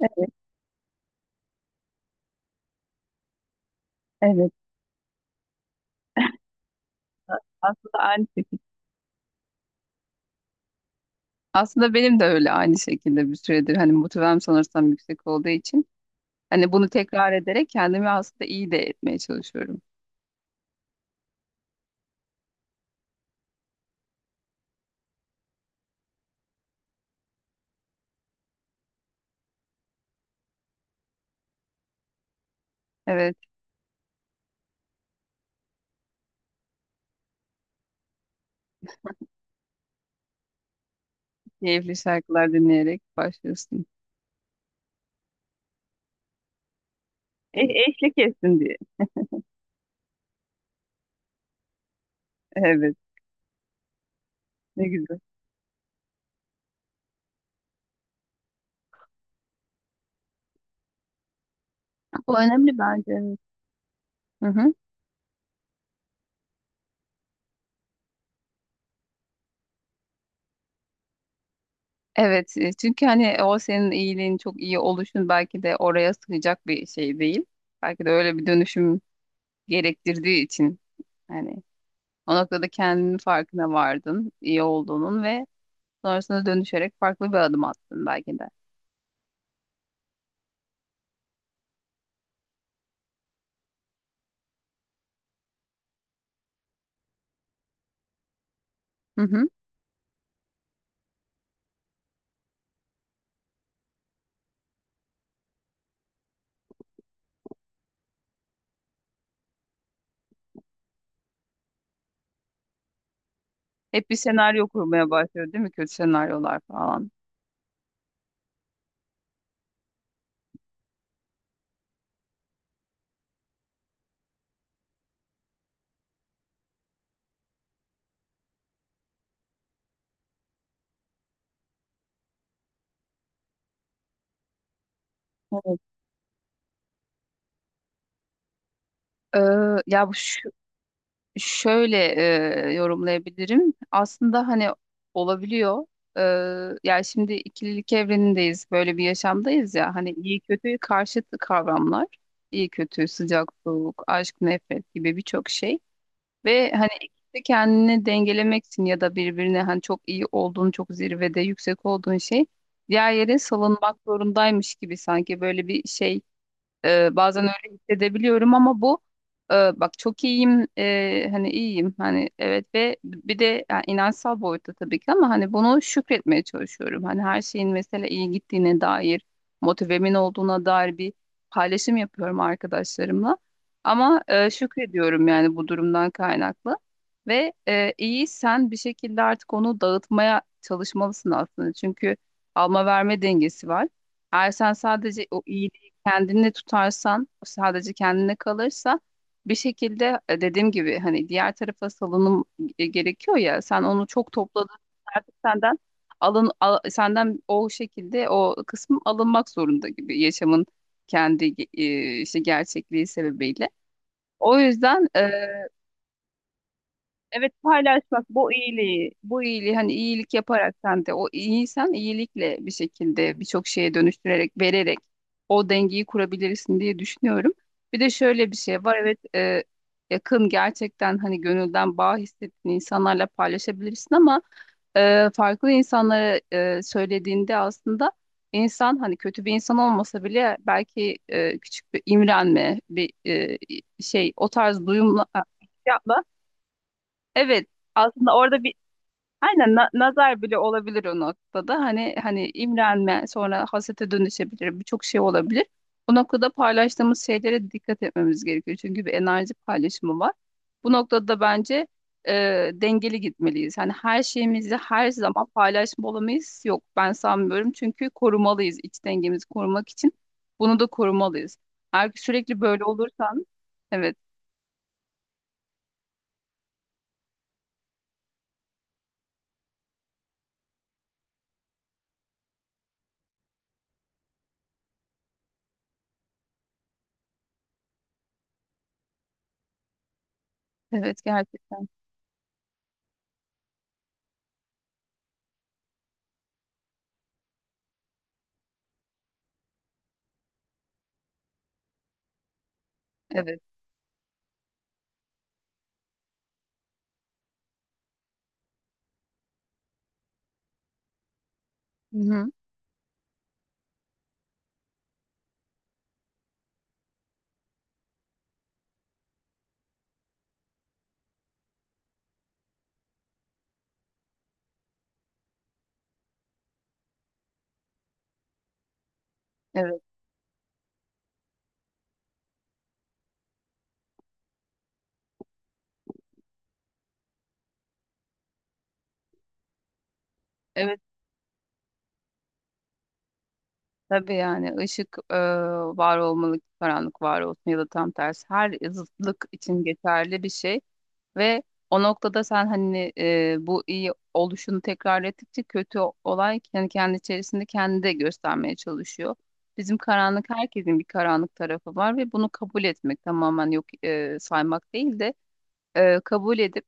Evet, evet. Aslında aynı şekilde. Aslında benim de öyle aynı şekilde bir süredir hani motivem sanırsam yüksek olduğu için hani bunu tekrar ederek kendimi aslında iyi de etmeye çalışıyorum. Evet, keyifli şarkılar dinleyerek başlıyorsun. Eşlik etsin diye. Evet, ne güzel. Bu önemli bence. Evet. Hı hı. Evet, çünkü hani o senin iyiliğin çok iyi oluşun belki de oraya sığacak bir şey değil. Belki de öyle bir dönüşüm gerektirdiği için. Yani o noktada kendinin farkına vardın, iyi olduğunun ve sonrasında dönüşerek farklı bir adım attın belki de. Hı hı. Hep bir senaryo kurmaya başlıyor değil mi? Kötü senaryolar falan. Evet. Ee, ya bu şu- şöyle yorumlayabilirim. Aslında hani olabiliyor. Yani şimdi ikililik evrenindeyiz. Böyle bir yaşamdayız ya. Hani iyi kötü karşıt kavramlar. İyi kötü, sıcak soğuk, aşk nefret gibi birçok şey. Ve hani ikisi de kendini dengelemeksin ya da birbirine hani çok iyi olduğun, çok zirvede yüksek olduğun şey diğer yere salınmak zorundaymış gibi sanki böyle bir şey bazen öyle hissedebiliyorum ama bu bak çok iyiyim, hani iyiyim hani evet ve bir de yani inançsal boyutta tabii ki ama hani bunu şükretmeye çalışıyorum. Hani her şeyin mesela iyi gittiğine dair motivemin olduğuna dair bir paylaşım yapıyorum arkadaşlarımla. Ama şükrediyorum yani bu durumdan kaynaklı. Ve iyi sen bir şekilde artık onu dağıtmaya çalışmalısın aslında. Çünkü alma verme dengesi var. Eğer sen sadece o iyi kendini tutarsan, sadece kendine kalırsa bir şekilde dediğim gibi hani diğer tarafa salınım gerekiyor ya. Sen onu çok topladın, artık senden senden o şekilde o kısım alınmak zorunda gibi yaşamın kendi işte gerçekliği sebebiyle. O yüzden evet, paylaşmak bu iyiliği, bu iyiliği hani iyilik yaparak sen de o iyiysen iyilikle bir şekilde birçok şeye dönüştürerek, vererek o dengeyi kurabilirsin diye düşünüyorum. Bir de şöyle bir şey var, evet, yakın gerçekten hani gönülden bağ hissettiğin insanlarla paylaşabilirsin ama farklı insanlara söylediğinde aslında insan hani kötü bir insan olmasa bile belki küçük bir imrenme bir şey o tarz duyumla evet, aslında orada bir aynen nazar bile olabilir o noktada. Hani hani imrenme sonra hasete dönüşebilir, birçok şey olabilir. Bu noktada paylaştığımız şeylere dikkat etmemiz gerekiyor. Çünkü bir enerji paylaşımı var. Bu noktada bence e, dengeli gitmeliyiz. Hani her şeyimizi her zaman paylaşmalamayız. Yok ben sanmıyorum. Çünkü korumalıyız, iç dengemizi korumak için. Bunu da korumalıyız. Eğer ki sürekli böyle olursan evet, evet gerçekten. Evet. Hı hı. Evet. Evet tabii yani ışık var olmalı, ki karanlık var olsun ya da tam tersi, her zıtlık için geçerli bir şey. Ve o noktada sen hani bu iyi oluşunu tekrar ettikçe kötü olay yani kendi içerisinde kendi de göstermeye çalışıyor. Bizim karanlık, herkesin bir karanlık tarafı var ve bunu kabul etmek, tamamen yok saymak değil de kabul edip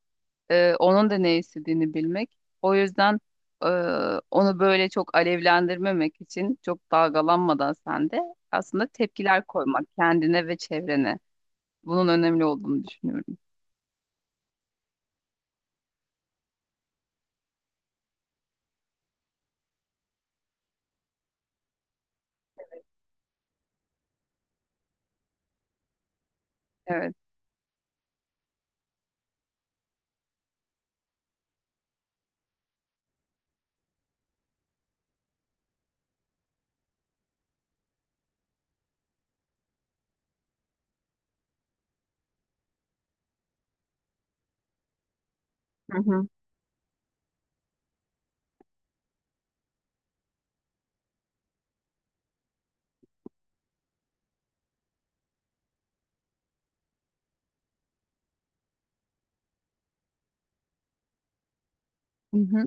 onun da ne istediğini bilmek. O yüzden e, onu böyle çok alevlendirmemek için çok dalgalanmadan sen de aslında tepkiler koymak kendine ve çevrene. Bunun önemli olduğunu düşünüyorum. Evet. Hı hı. Hı hı.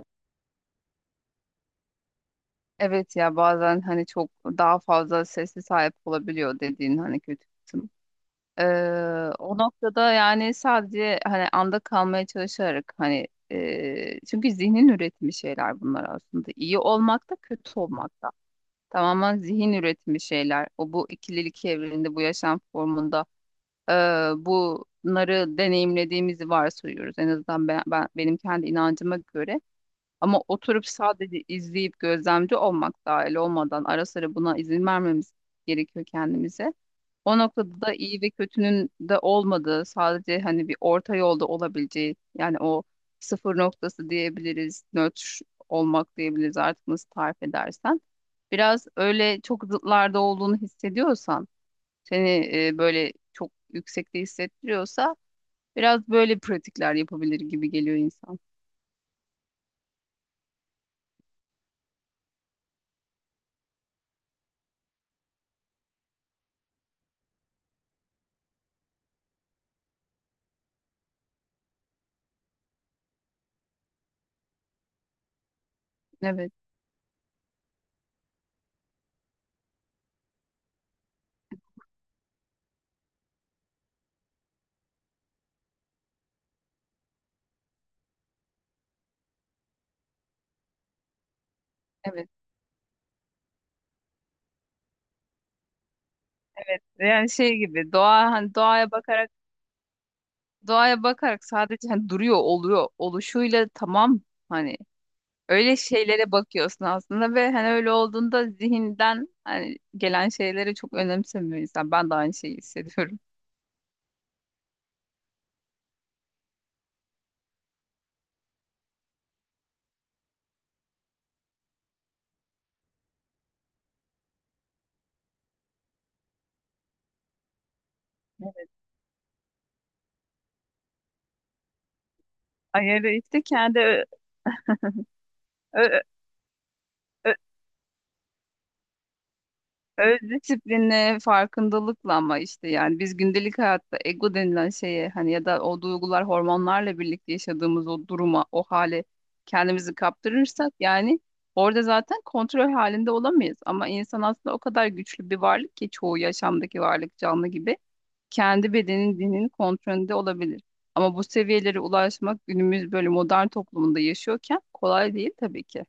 Evet ya, bazen hani çok daha fazla sesli sahip olabiliyor dediğin hani kötü kısım. Ee, o noktada yani sadece hani anda kalmaya çalışarak hani çünkü zihnin üretimi şeyler bunlar aslında. İyi olmak da kötü olmak da. Tamamen zihin üretimi şeyler. O bu ikililik evreninde bu yaşam formunda e, bunları deneyimlediğimizi varsayıyoruz. En azından ben, benim kendi inancıma göre. Ama oturup sadece izleyip gözlemci olmak, dahil olmadan ara sıra buna izin vermemiz gerekiyor kendimize. O noktada da iyi ve kötünün de olmadığı, sadece hani bir orta yolda olabileceği, yani o sıfır noktası diyebiliriz, nötr olmak diyebiliriz, artık nasıl tarif edersen. Biraz öyle çok zıtlarda olduğunu hissediyorsan, seni böyle çok yüksekte hissettiriyorsa biraz böyle pratikler yapabilir gibi geliyor insan. Evet, evet. Ve yani şey gibi doğa hani doğaya bakarak sadece hani duruyor oluyor oluşuyla tamam hani öyle şeylere bakıyorsun aslında ve hani öyle olduğunda zihinden hani gelen şeyleri çok önemsemiyor insan. Ben de aynı şeyi hissediyorum. Ayarı işte kendi ö- ö- öz disiplinle, farkındalıkla ama işte yani biz gündelik hayatta ego denilen şeye hani ya da o duygular hormonlarla birlikte yaşadığımız o duruma, o hale kendimizi kaptırırsak yani orada zaten kontrol halinde olamayız. Ama insan aslında o kadar güçlü bir varlık ki çoğu yaşamdaki varlık canlı gibi kendi bedenin, dinin kontrolünde olabilir. Ama bu seviyelere ulaşmak günümüz böyle modern toplumunda yaşıyorken kolay değil tabii ki.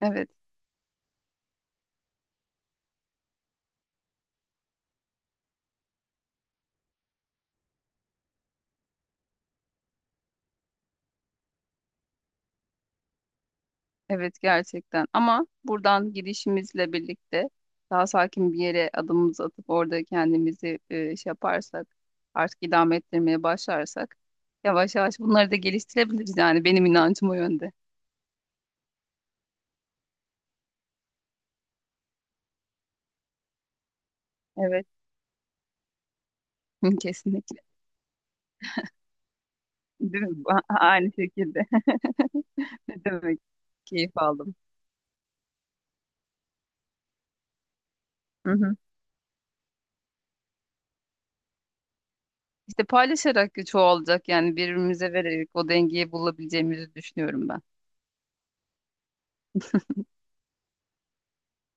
Evet. Evet gerçekten, ama buradan gidişimizle birlikte daha sakin bir yere adımımızı atıp orada kendimizi şey yaparsak, artık idame ettirmeye başlarsak yavaş yavaş bunları da geliştirebiliriz, yani benim inancım o yönde. Evet, kesinlikle, değil mi? Aynı şekilde. Ne demek, keyif aldım. Hı hı. İşte paylaşarak çoğalacak, yani birbirimize vererek o dengeyi bulabileceğimizi düşünüyorum ben.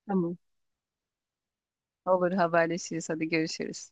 Tamam. Olur, haberleşiriz, hadi görüşürüz.